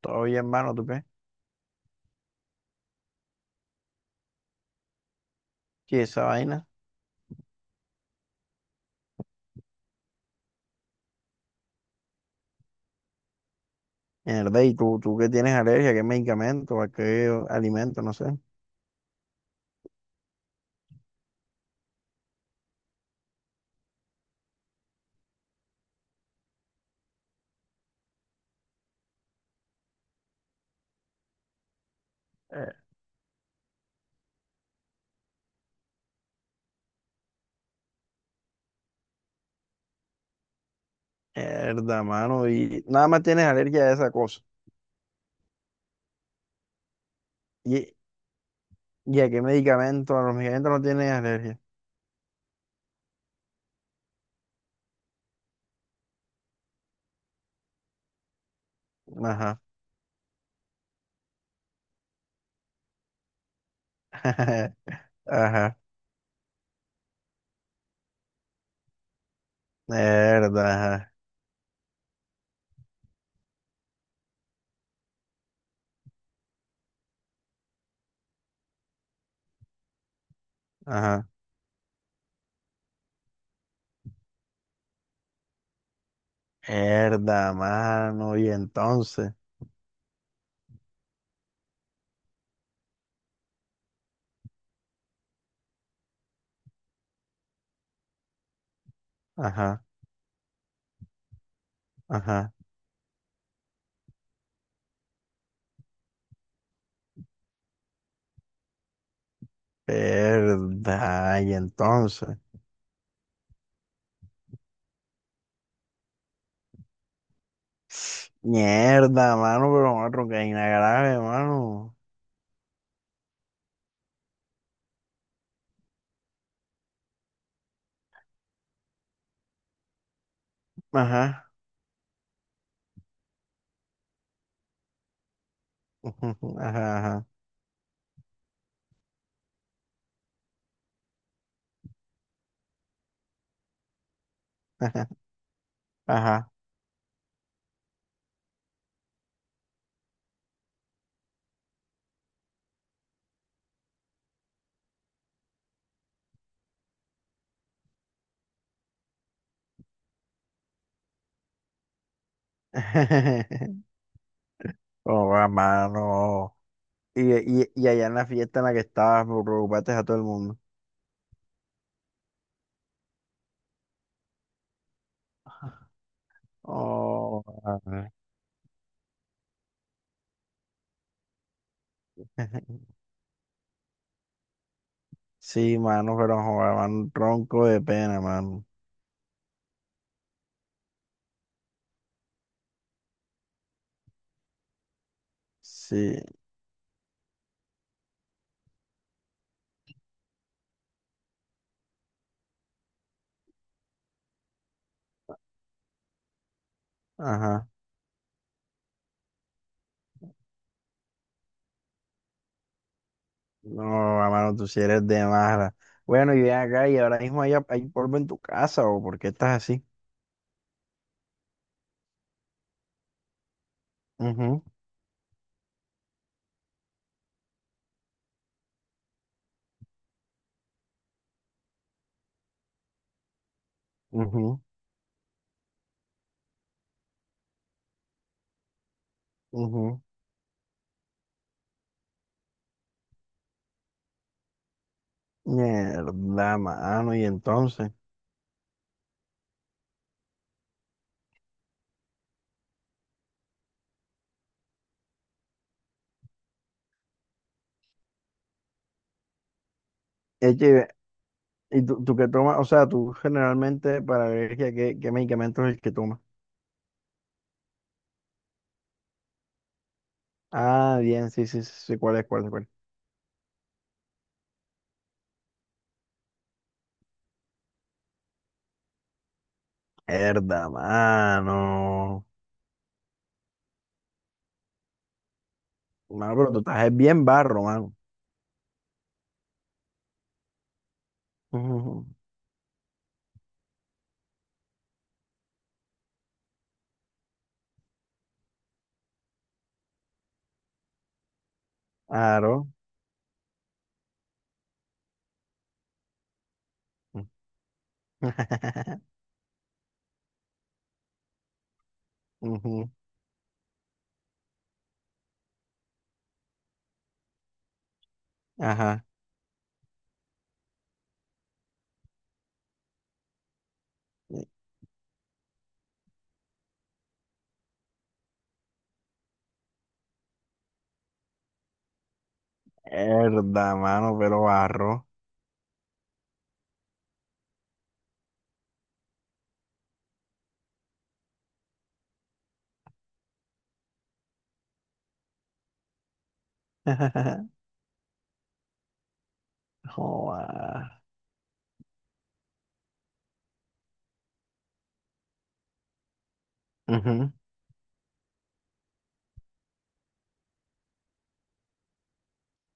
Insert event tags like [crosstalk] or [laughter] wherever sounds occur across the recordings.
Todo bien, hermano, ¿tú qué? Sí, esa vaina. Mierda, ¿y tú, qué tienes alergia? ¿Qué medicamento? ¿A qué alimento? No sé. Eh, Mierda, mano. Y nada más tienes alergia a esa cosa. ¿Y, y a qué medicamento? A los medicamentos no tienes alergia. Ajá. [laughs] Ajá. Mierda, ajá. Ajá. Mierda, mano. Y entonces. Ajá. Ajá. Mierda. Y entonces. Mierda, mano, pero otro que hay una grave, mano. Ajá. Ajá, ajá, ajá. [laughs] ajá. [laughs] Oh, va, mano. Y, y allá en la fiesta en la que estabas, me preocupaste a todo el mundo. Oh, ajá. [laughs] sí, mano, pero joder, mano, tronco de pena, mano. Sí, ajá. No, va, mano, tú sí eres de mala. Bueno, y ven acá, y ahora mismo hay, hay polvo en tu casa, ¿o por qué estás así? Ujú, ujú, ujú. Mierda, mano, y entonces. ¿Y tú, qué tomas? O sea, tú generalmente para alergia, ¿qué, qué medicamento es el que tomas? Ah, bien, sí, sí, sí, sí, ¿cuál es, cuál es, cuál es? Herda, mano. Mano, pero tú estás es bien barro, mano. Ujú, aro. [laughs] Ujú, ajá. Herda, mano, pero barro. [laughs] Joda. Ujú,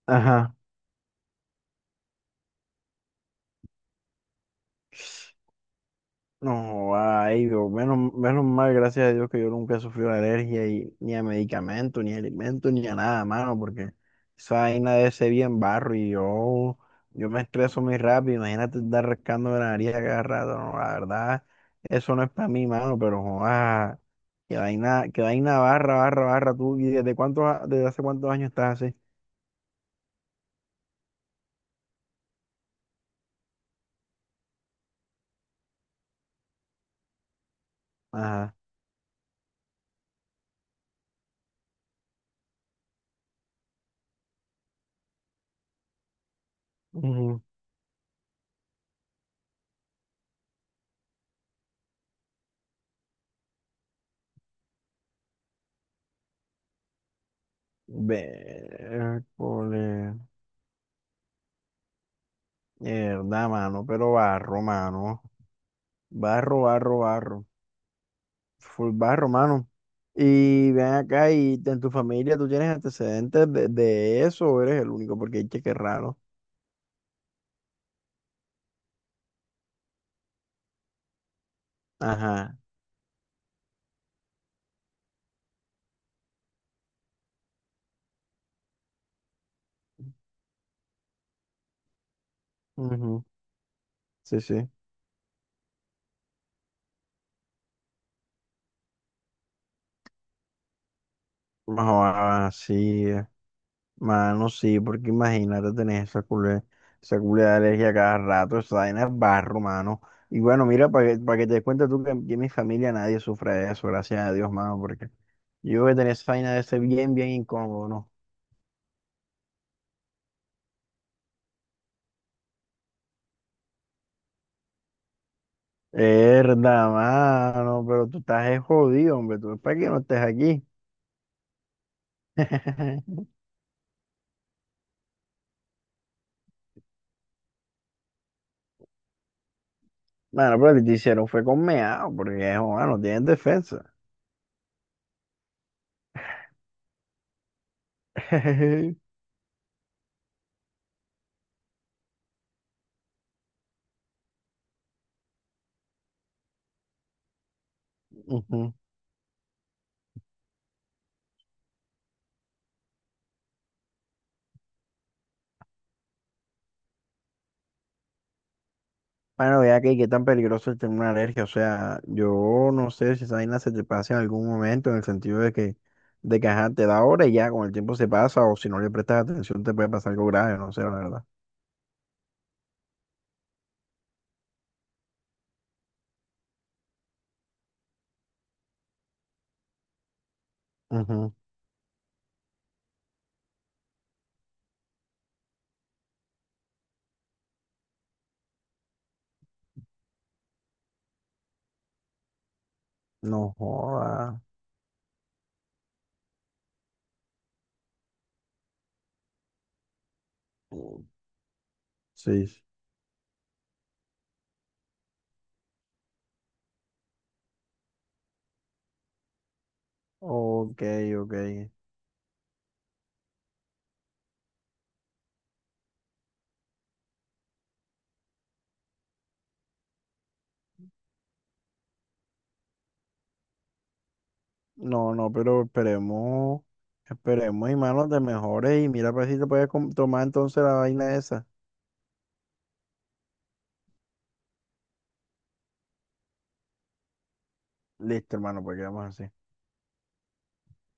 ajá. No, ay, Dios, menos, menos mal, gracias a Dios que yo nunca he sufrido alergia y, ni a medicamentos, ni a alimentos, ni a nada, mano, porque esa vaina de ese bien barro y yo me estreso muy rápido, imagínate estar rascando la nariz a cada rato, no, la verdad, eso no es para mí, mano, pero joda, que vaina barra, barra, barra, tú, ¿y desde cuántos, desde hace cuántos años estás así? Ajá. Ujú. Cole, mierda, mano, pero barro, mano. Barro, barro, barro. Full barro, mano. Y ven acá, y en tu familia, ¿tú tienes antecedentes de eso o eres el único? Porque hay que raro. Ajá. Ujú, sí, sí. Ah, sí. Eh. Mano, sí, porque imagínate tener esa culé de alergia a cada rato, esa vaina es barro, mano. Y bueno, mira, para que te des cuenta tú que en mi familia nadie sufre de eso, gracias a Dios, mano, porque yo voy a tener esa vaina de ser bien, bien incómodo, ¿no? Verdad, mano, pero tú estás es jodido, hombre. ¿Tú para que no estés aquí? [laughs] Bueno, pero lo que te hicieron fue con meado, porque joder, no tienen defensa. [laughs] Ujú. Bueno, vea que qué tan peligroso es tener una alergia. O sea, yo no sé si esa vaina se te pasa en algún momento, en el sentido de que ajá, te da ahora y ya con el tiempo se pasa, o si no le prestas atención te puede pasar algo grave, no sé, la verdad. Ujú. No joda. Sí. Sí. Ok, ok. No, no, pero esperemos, esperemos, hermano, de mejores y mira para ver si te puedes tomar entonces la vaina esa. Listo, hermano, pues quedamos así.